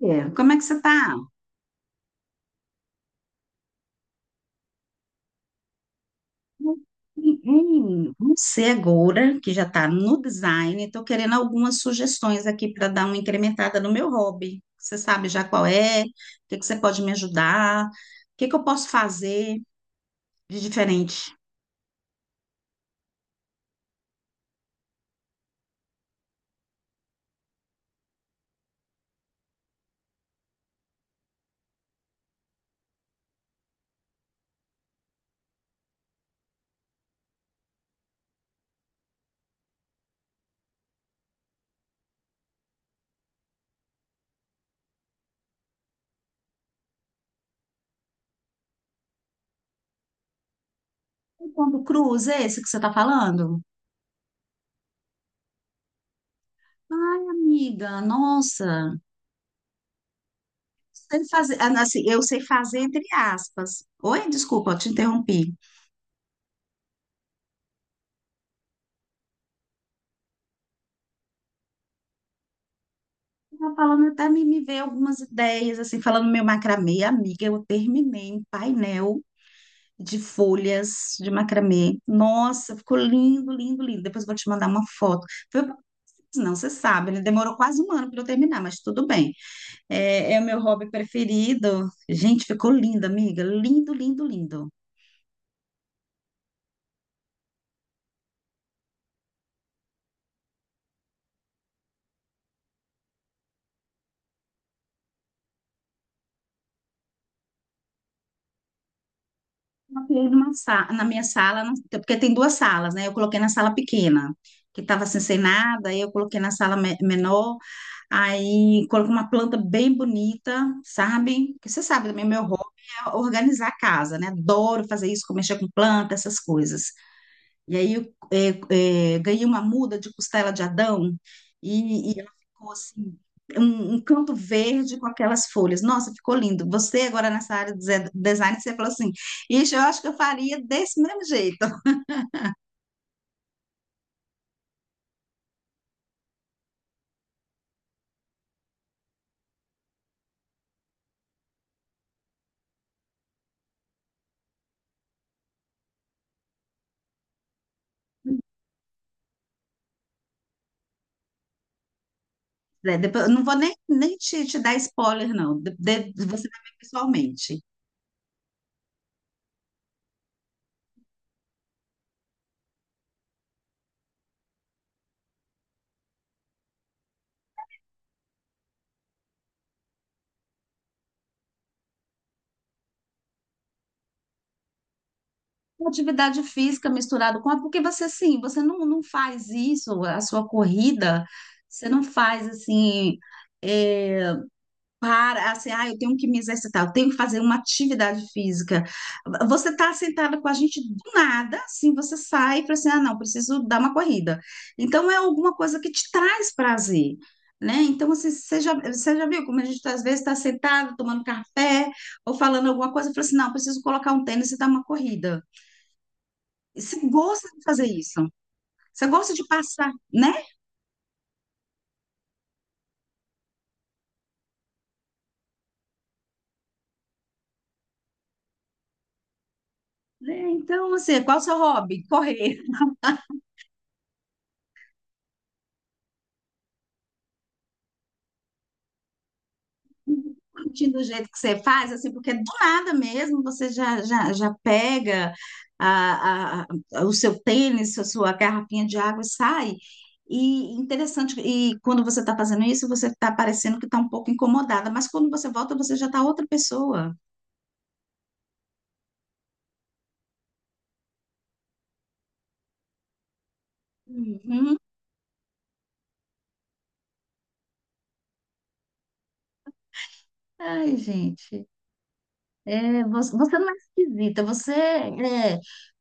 É, como é que você está? Você agora, que já está no design, estou querendo algumas sugestões aqui para dar uma incrementada no meu hobby. Você sabe já qual é? O que que você pode me ajudar? O que que eu posso fazer de diferente? O pombo cruz, é esse que você está falando? Ai, amiga, nossa. Sei fazer, ah, assim, eu sei fazer entre aspas. Oi, desculpa, eu te interrompi. Tava falando até me veio algumas ideias, assim, falando meu macramê, amiga, eu terminei um painel de folhas de macramê. Nossa, ficou lindo, lindo, lindo. Depois eu vou te mandar uma foto. Foi, uma coisa, não, você sabe, né? Demorou quase um ano para eu terminar, mas tudo bem. É o meu hobby preferido. Gente, ficou lindo, amiga. Lindo, lindo, lindo. Coloquei na minha sala, porque tem duas salas, né? Eu coloquei na sala pequena, que estava assim, sem nada, aí eu coloquei na sala menor. Aí coloco uma planta bem bonita, sabe? Porque você sabe também, meu hobby é organizar a casa, né? Adoro fazer isso, mexer com planta, essas coisas. E aí eu ganhei uma muda de costela de Adão e, ela ficou assim, um canto verde com aquelas folhas. Nossa, ficou lindo. Você agora nessa área de design, você falou assim, ixi, eu acho que eu faria desse mesmo jeito. É, depois, eu não vou nem te dar spoiler, não. Você vai ver pessoalmente. Uma atividade física misturado com a, porque você assim, você não faz isso, a sua corrida, você não faz assim, é, para assim, ah, eu tenho que me exercitar, eu tenho que fazer uma atividade física. Você está sentada com a gente do nada, assim, você sai e fala assim, ah, não, preciso dar uma corrida. Então é alguma coisa que te traz prazer. Né? Então, assim, você já viu como a gente às vezes está sentado, tomando café ou falando alguma coisa, e fala assim: não, preciso colocar um tênis e dar uma corrida. Você gosta de fazer isso? Você gosta de passar, né? Né? Então, assim, qual é o seu hobby? Correr. Curtindo o jeito que você faz, assim, porque do nada mesmo você já pega a, a- o seu tênis, a sua garrafinha de água e sai. E interessante, e quando você está fazendo isso, você está parecendo que está um pouco incomodada, mas quando você volta, você já está outra pessoa. Uhum. Ai, gente. É, você não é esquisita, você é,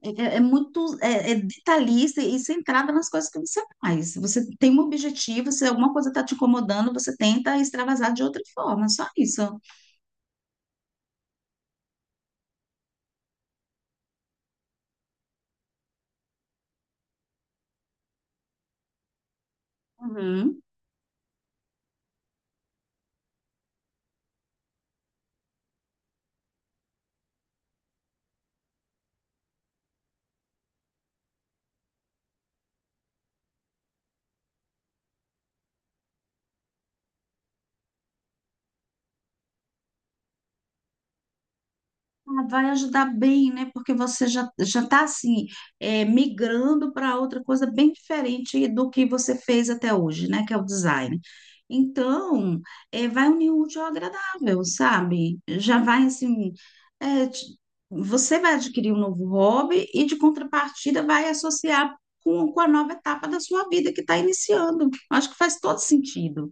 é, é muito detalhista e centrada nas coisas que você faz. Você tem um objetivo, se alguma coisa está te incomodando, você tenta extravasar de outra forma, só isso. Uhum. Ah, vai ajudar bem, né? Porque você já está assim migrando para outra coisa bem diferente do que você fez até hoje, né? Que é o design. Então, vai unir o útil ao agradável, sabe? Já vai assim, é, te- você vai adquirir um novo hobby e de contrapartida vai associar com a nova etapa da sua vida que está iniciando. Acho que faz todo sentido.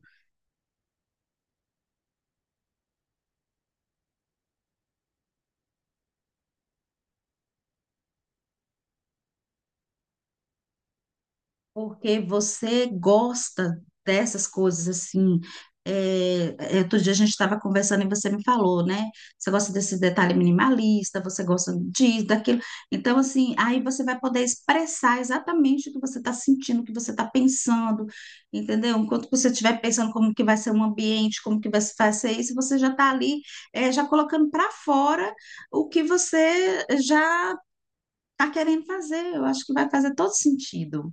Porque você gosta dessas coisas assim. Outro dia a gente estava conversando e você me falou, né? Você gosta desse detalhe minimalista, você gosta disso, daquilo. Então, assim, aí você vai poder expressar exatamente o que você está sentindo, o que você está pensando, entendeu? Enquanto você estiver pensando como que vai ser um ambiente, como que vai vai ser isso, você já está ali, já colocando para fora o que você já está querendo fazer. Eu acho que vai fazer todo sentido.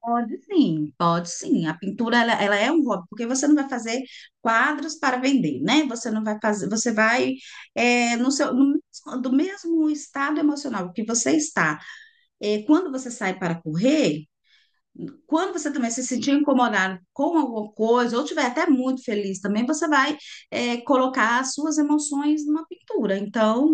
Pode sim, pode sim. A pintura ela é um hobby, porque você não vai fazer quadros para vender, né? Você não vai fazer, você vai no seu no, mesmo- do mesmo estado emocional que você está. É, quando você sai para correr, quando você também se sentir incomodado com alguma coisa, ou estiver até muito feliz também, você vai colocar as suas emoções numa pintura. Então,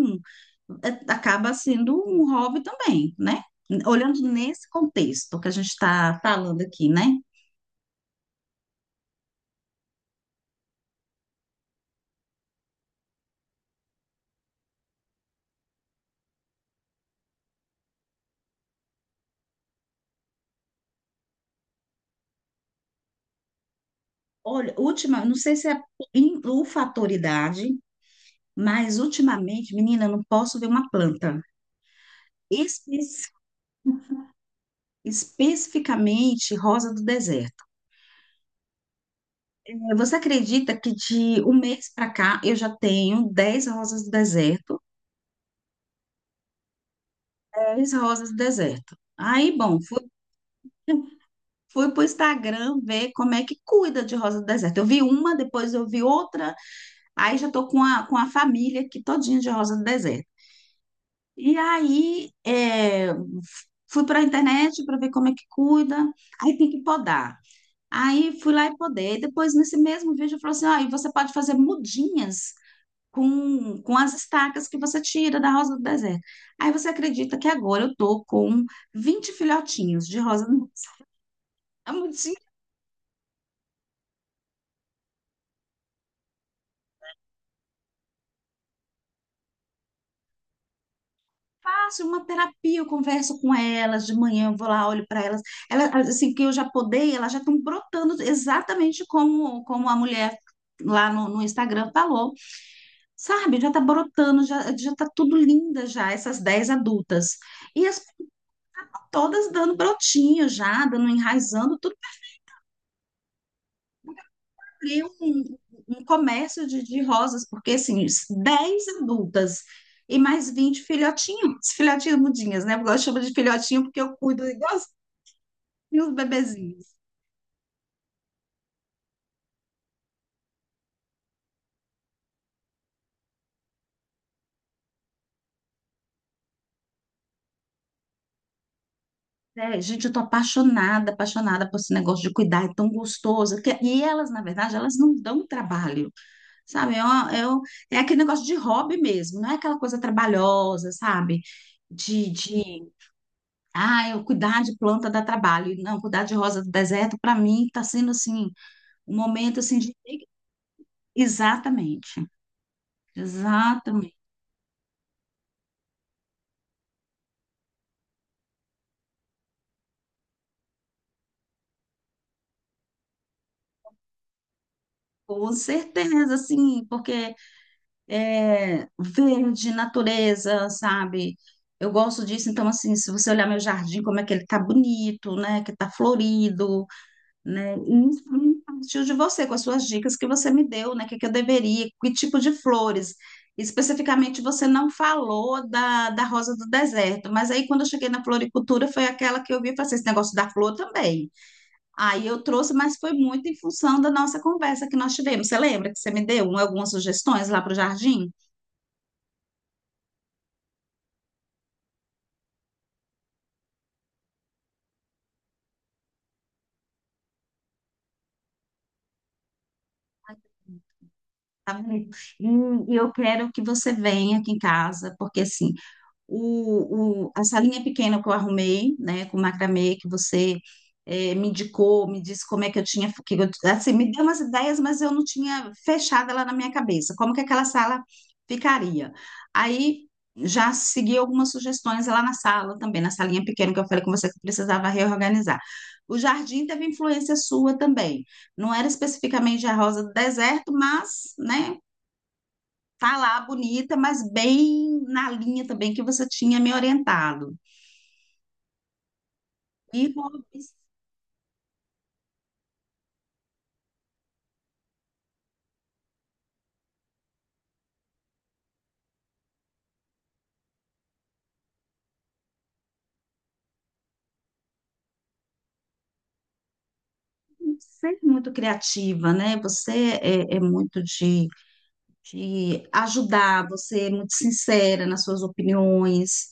acaba sendo um hobby também, né? Olhando nesse contexto que a gente está falando aqui, né? Olha, última, não sei se é o fator idade, mas ultimamente, menina, eu não posso ver uma planta. Espe- especificamente rosa do deserto. Você acredita que de um mês para cá eu já tenho 10 rosas do deserto? 10 rosas do deserto. Aí, bom, fui pro Instagram ver como é que cuida de rosa do deserto. Eu vi uma, depois eu vi outra, aí já tô com a família aqui todinha de rosa do deserto. E aí, fui para a internet para ver como é que cuida, aí tem que podar. Aí fui lá e podei. Depois, nesse mesmo vídeo, falou assim: ó, e você pode fazer mudinhas com as estacas que você tira da rosa do deserto. Aí você acredita que agora eu tô com 20 filhotinhos de rosa do deserto? É muito assim, fácil, uma terapia, eu converso com elas, de manhã eu vou lá, olho para elas. Elas, assim, que eu já podei, elas já estão brotando exatamente como a mulher lá no Instagram falou, sabe? Já tá brotando, já tá tudo linda já, essas 10 adultas. E as todas dando brotinho já, dando, enraizando, abrir um comércio de rosas, porque assim, 10 adultas e mais 20 filhotinhos, filhotinhos mudinhas, né? Eu gosto de chamar de filhotinho porque eu cuido igualzinho os bebezinhos. É, gente, eu tô apaixonada, apaixonada por esse negócio de cuidar, é tão gostoso. E elas, na verdade, elas não dão trabalho, sabe? É aquele negócio de hobby mesmo, não é aquela coisa trabalhosa, sabe? De, de, ah, eu cuidar de planta dá trabalho. Não, cuidar de rosa do deserto, para mim, tá sendo assim, um momento assim de. Exatamente, exatamente. Com certeza, sim, porque é verde, natureza, sabe? Eu gosto disso, então, assim, se você olhar meu jardim, como é que ele tá bonito, né? Que tá florido, né? E isso pra mim partiu de você, com as suas dicas que você me deu, né? O que que eu deveria, que tipo de flores. Especificamente, você não falou da rosa do deserto, mas aí quando eu cheguei na floricultura, foi aquela que eu vi e falei, assim, esse negócio da flor também. Aí eu trouxe, mas foi muito em função da nossa conversa que nós tivemos. Você lembra que você me deu algumas sugestões lá para o jardim? Tá vendo? E eu quero que você venha aqui em casa, porque assim, a salinha pequena que eu arrumei, né, com macramê, que você me indicou, me disse como é que eu tinha, assim, me deu umas ideias, mas eu não tinha fechado ela na minha cabeça, como que aquela sala ficaria. Aí já segui algumas sugestões lá na sala também, na salinha pequena que eu falei com você que eu precisava reorganizar. O jardim teve influência sua também. Não era especificamente a rosa do deserto, mas, né, tá lá bonita, mas bem na linha também que você tinha me orientado. E hobbies, sempre muito criativa, né? Você é muito de ajudar, você é muito sincera nas suas opiniões,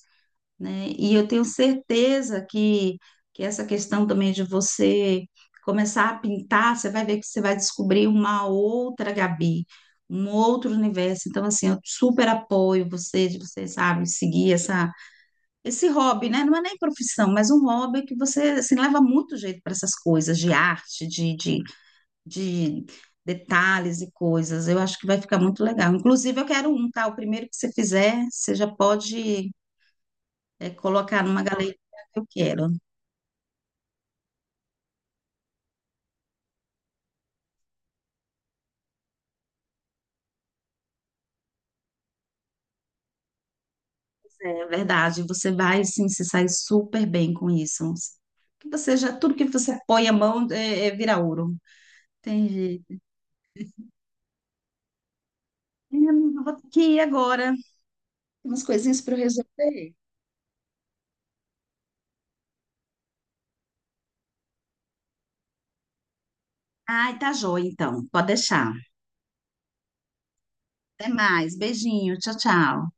né? E eu tenho certeza que essa questão também de você começar a pintar, você vai ver que você vai descobrir uma outra Gabi, um outro universo. Então, assim, eu super apoio você, de você, sabe, seguir essa esse hobby, né? Não é nem profissão, mas um hobby que você assim, leva muito jeito para essas coisas de arte, de detalhes e coisas. Eu acho que vai ficar muito legal. Inclusive, eu quero um, tá? O primeiro que você fizer, você já pode colocar numa galeria que eu quero. É verdade, você vai sim se sair super bem com isso. Que você já, tudo que você põe a mão vira ouro. Entendi. Eu vou ter que ir agora. Tem umas coisinhas para eu resolver. Ai, tá joia, então. Pode deixar. Até mais. Beijinho. Tchau, tchau.